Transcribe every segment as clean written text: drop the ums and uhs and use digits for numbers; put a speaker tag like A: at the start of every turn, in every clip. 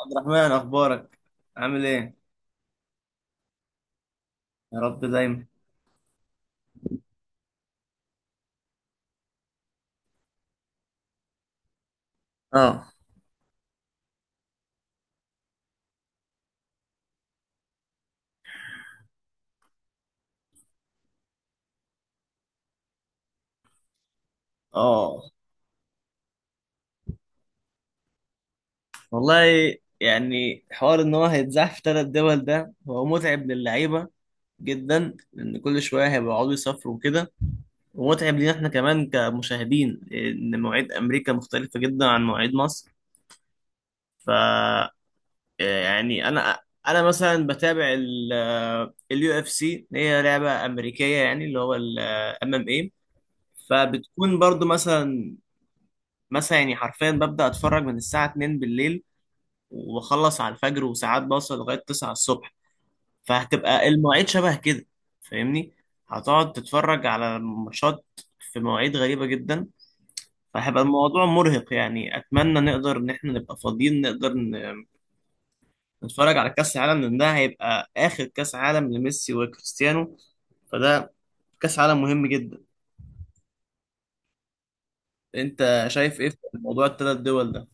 A: عبد الرحمن، اخبارك؟ عامل ايه؟ يا رب دايما. اه. اه. والله، يعني حوار ان هو هيتزاح في ثلاث دول ده هو متعب للعيبه جدا لان كل شويه هيقعدوا يسافروا وكده. ومتعب لينا احنا كمان كمشاهدين ان مواعيد امريكا مختلفه جدا عن مواعيد مصر. ف يعني، انا مثلا بتابع اليو اف سي، هي لعبه امريكيه، يعني اللي هو الام ام اي. فبتكون برضو مثلا يعني حرفيا ببدأ اتفرج من الساعة 2 بالليل وبخلص على الفجر، وساعات بوصل لغاية 9 الصبح. فهتبقى المواعيد شبه كده، فاهمني، هتقعد تتفرج على ماتشات في مواعيد غريبة جدا. فهيبقى الموضوع مرهق. يعني اتمنى نقدر ان احنا نبقى فاضيين نقدر نتفرج على كأس العالم، لان ده هيبقى اخر كأس عالم لميسي وكريستيانو. فده كأس عالم مهم جدا. انت شايف ايه في موضوع الثلاث دول ده؟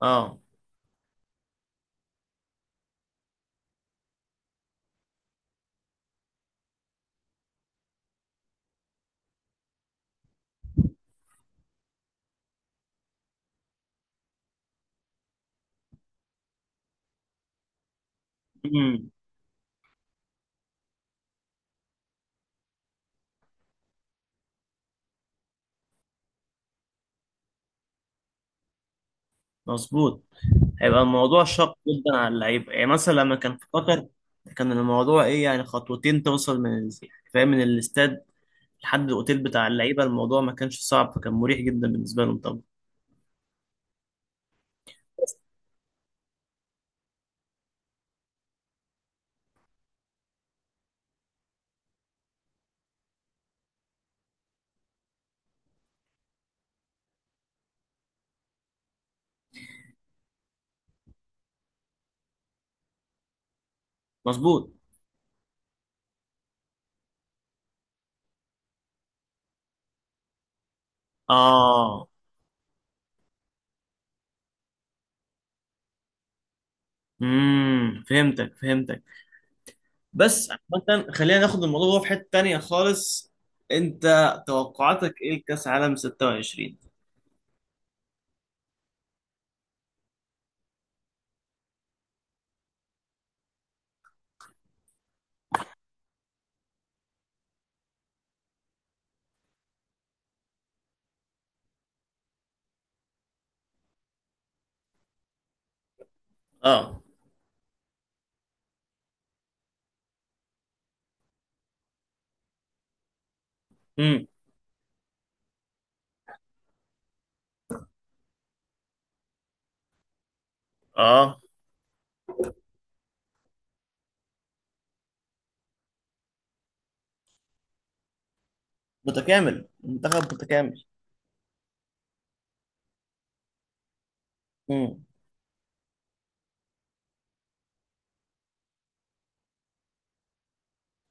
A: اه. امم. مظبوط، هيبقى الموضوع شاق جدا على اللعيبه. يعني مثلا لما كان في قطر، كان الموضوع ايه، يعني خطوتين توصل من فاهم، من الاستاد لحد الاوتيل بتاع اللعيبه. الموضوع ما كانش صعب، فكان مريح جدا بالنسبه لهم طبعا. مظبوط. اه. امم. فهمتك. بس عامة خلينا ناخد الموضوع في حته تانيه خالص. انت توقعاتك ايه لكاس عالم 26؟ اه. امم. اه، متكامل، منتخب متكامل. امم.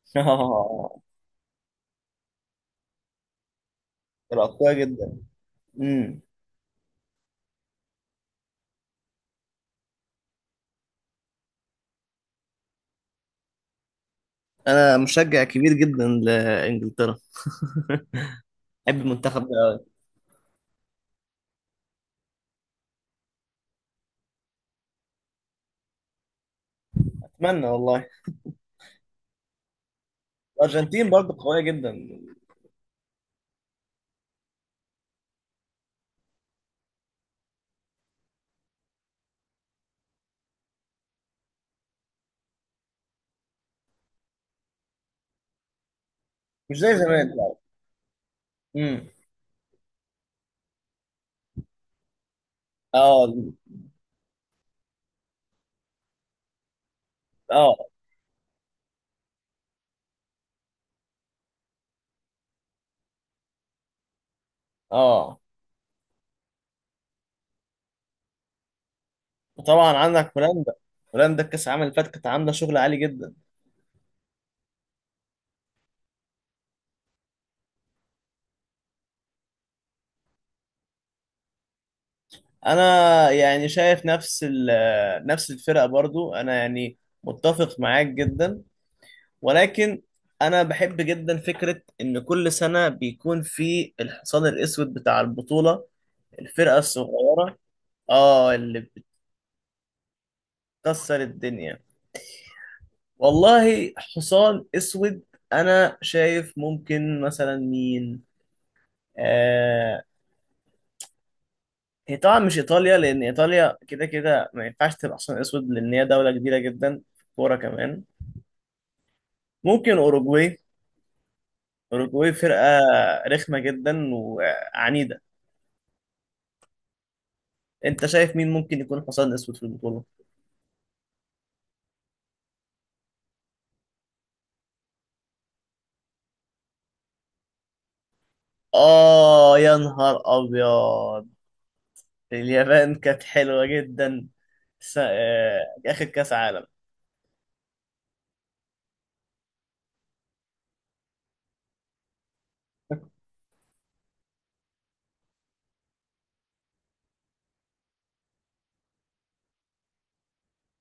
A: اه، الاقوياء جدا. امم. انا مشجع كبير جدا لانجلترا. بحب المنتخب ده أوي. اتمنى والله. الارجنتين برضه قويه جدا. مش زي زمان. امم. اه. اه. اه. وطبعا عندك هولندا. هولندا الكاس العالم اللي فات كانت عامله شغل عالي جدا. انا يعني شايف نفس الفرقه برضو. انا يعني متفق معاك جدا. ولكن انا بحب جدا فكره ان كل سنه بيكون في الحصان الاسود بتاع البطوله، الفرقه الصغيره. اه، اللي كسر الدنيا. والله حصان اسود، انا شايف ممكن مثلا مين؟ آه هي طبعا مش ايطاليا، لان ايطاليا كده كده ما ينفعش تبقى حصان اسود، لان هي دوله كبيره جدا في الكوره كمان. ممكن اوروجواي. اوروجواي فرقه رخمه جدا وعنيده. انت شايف مين ممكن يكون حصان اسود في البطوله؟ اه، يا نهار ابيض. اليابان كانت حلوه جدا س... آه اخر كاس عالم.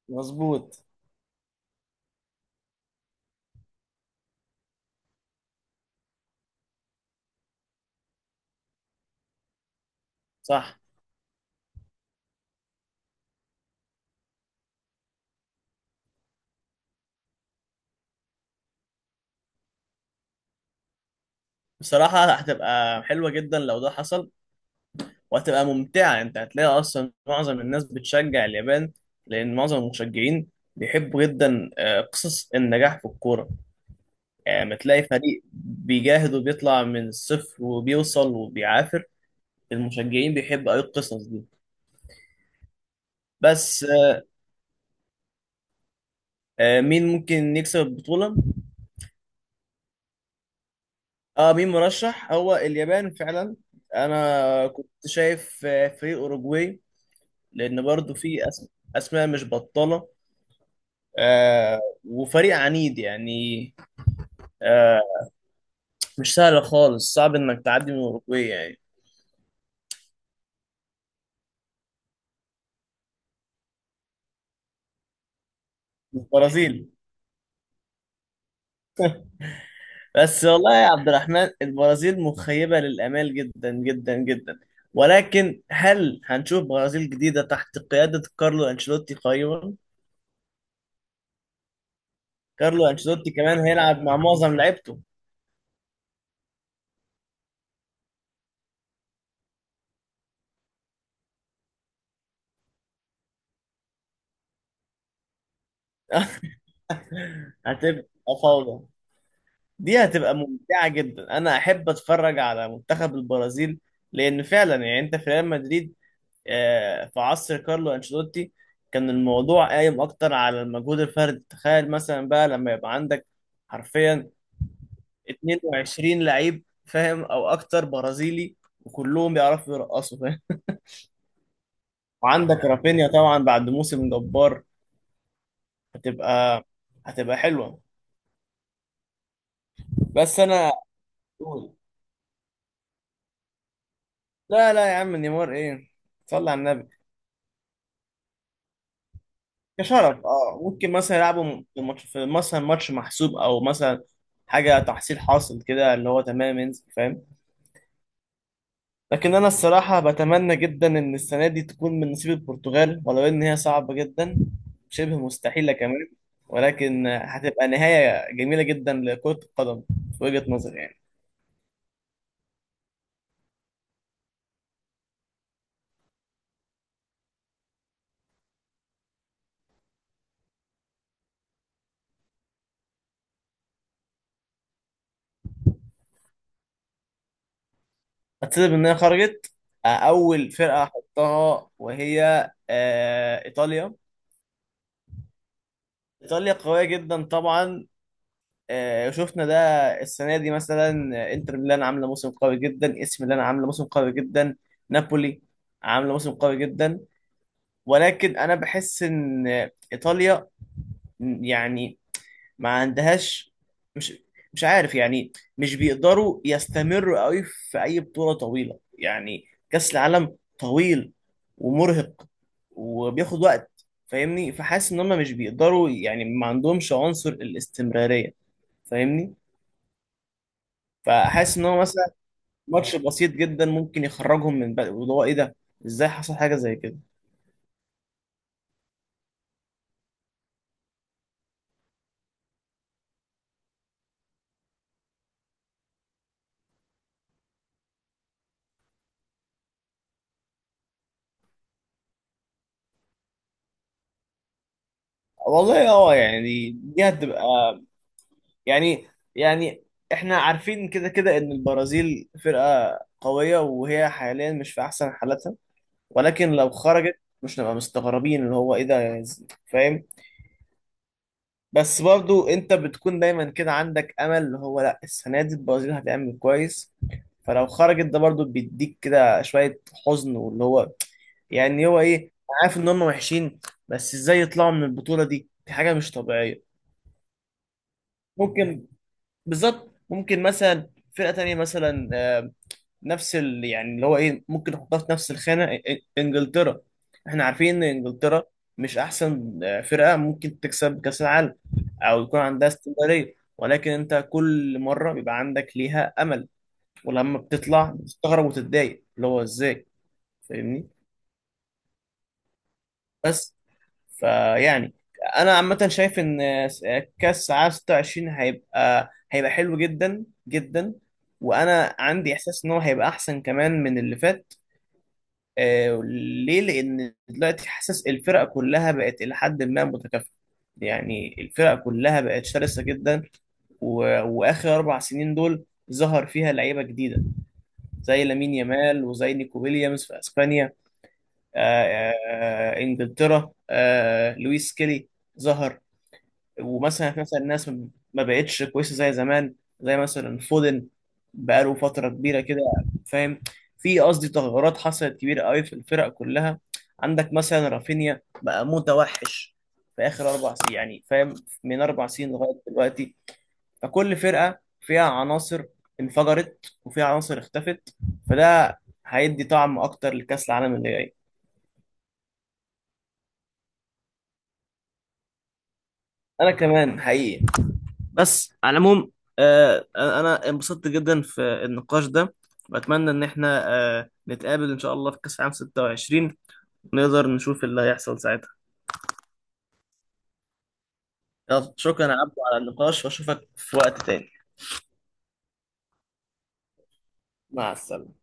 A: مظبوط. صح. بصراحة هتبقى حلوة جدا لو ده حصل، وهتبقى ممتعة. انت هتلاقي اصلا معظم الناس بتشجع اليابان، لان معظم المشجعين بيحبوا جدا قصص النجاح في الكورة. يعني ما تلاقي فريق بيجاهد وبيطلع من الصفر وبيوصل وبيعافر، المشجعين بيحبوا اي القصص دي. بس مين ممكن يكسب البطولة؟ اه، مين مرشح؟ هو اليابان فعلا. انا كنت شايف فريق اوروجواي، لان برضو في اسماء مش بطالة. وفريق عنيد يعني. آه مش سهل خالص، صعب انك تعدي من الاوروجواي يعني. البرازيل؟ بس والله يا عبد الرحمن، البرازيل مخيبة للآمال جدا جدا جدا. ولكن هل هنشوف برازيل جديدة تحت قيادة كارلو أنشيلوتي قريبا؟ كارلو أنشيلوتي كمان هيلعب مع معظم لعيبته. هتبقى فوضى. دي هتبقى ممتعة جدا. أنا أحب أتفرج على منتخب البرازيل، لأن فعلا يعني أنت في ريال مدريد في عصر كارلو أنشيلوتي كان الموضوع قايم أكتر على المجهود الفردي. تخيل مثلا بقى لما يبقى عندك حرفيا 22 لعيب، فاهم، أو أكتر برازيلي، وكلهم بيعرفوا يرقصوا، فاهم. وعندك رافينيا طبعا بعد موسم جبار. هتبقى هتبقى حلوة. بس أنا أقول لا، لا يا عم، نيمار إيه؟ صلي على النبي. كشرف اه، ممكن مثلا يلعبوا في ماتش، في مثلا ماتش محسوب، او مثلا حاجه تحصيل حاصل كده، اللي هو تمام ينزل، فاهم. لكن انا الصراحه بتمنى جدا ان السنه دي تكون من نصيب البرتغال، ولو ان هي صعبه جدا، شبه مستحيله كمان، ولكن هتبقى نهايه جميله جدا لكره القدم في وجهه نظري يعني. هتسبب ان هي خرجت، اول فرقه احطها وهي ايطاليا. ايطاليا قويه جدا طبعا. شفنا ده السنه دي مثلا، انتر ميلان عامله موسم قوي جدا، اس ميلان عامله موسم قوي جدا، نابولي عامله موسم قوي جدا. ولكن انا بحس ان ايطاليا يعني ما عندهاش، مش مش عارف يعني، مش بيقدروا يستمروا قوي في اي بطولة طويلة يعني. كأس العالم طويل ومرهق وبياخد وقت، فاهمني، فحاسس ان هم مش بيقدروا، يعني ما عندهمش عنصر الاستمرارية، فاهمني. فحاسس ان هو مثلا ماتش بسيط جدا ممكن يخرجهم من بقى، وده هو ايه ده، ازاي حصل حاجة زي كده. والله اه، يعني دي هتبقى، يعني يعني احنا عارفين كده كده ان البرازيل فرقة قوية، وهي حاليا مش في احسن حالاتها. ولكن لو خرجت مش نبقى مستغربين اللي هو ايه ده، فاهم. بس برضو انت بتكون دايما كده عندك امل اللي هو لا، السنة دي البرازيل هتعمل كويس. فلو خرجت ده برضو بيديك كده شوية حزن واللي هو يعني هو ايه، أنا عارف ان هم وحشين، بس ازاي يطلعوا من البطولة دي؟ دي حاجة مش طبيعية. ممكن، بالظبط، ممكن مثلا فرقة تانية مثلا، يعني اللي هو ايه، ممكن نحطها في نفس الخانه، انجلترا. احنا عارفين ان انجلترا مش احسن فرقه ممكن تكسب كاس العالم، او يكون عندها استمراريه، ولكن انت كل مره بيبقى عندك ليها امل، ولما بتطلع بتستغرب وتتضايق اللي هو ازاي، فاهمني. بس فيعني انا عامه شايف ان كاس عام 26 هيبقى حلو جدا جدا. وانا عندي احساس ان هو هيبقى احسن كمان من اللي فات. آه ليه؟ لأن دلوقتي حاسس الفرقة كلها بقت إلى حد ما متكافئة. يعني الفرقة كلها بقت شرسة جدا، و... وآخر 4 سنين دول ظهر فيها لعيبة جديدة زي لامين يامال، وزي نيكو ويليامز في أسبانيا. إنجلترا، لويس سكيلي ظهر. ومثلا في مثلا الناس ما بقتش كويسه زي زمان، زي مثلا فودن بقاله فتره كبيره كده، فاهم. في قصدي تغيرات حصلت كبيره قوي في الفرق كلها. عندك مثلا رافينيا بقى متوحش في اخر 4 سنين يعني، فاهم، من 4 سنين لغايه دلوقتي. فكل فرقه فيها عناصر انفجرت وفيها عناصر اختفت. فده هيدي طعم اكتر لكاس العالم اللي جاي. انا كمان حقيقي. بس على العموم، انا انبسطت جدا في النقاش ده، واتمنى ان احنا نتقابل ان شاء الله في كاس عام 26، ونقدر نشوف اللي هيحصل ساعتها. يلا شكرا يا عبدو على النقاش، واشوفك في وقت تاني. مع السلامة.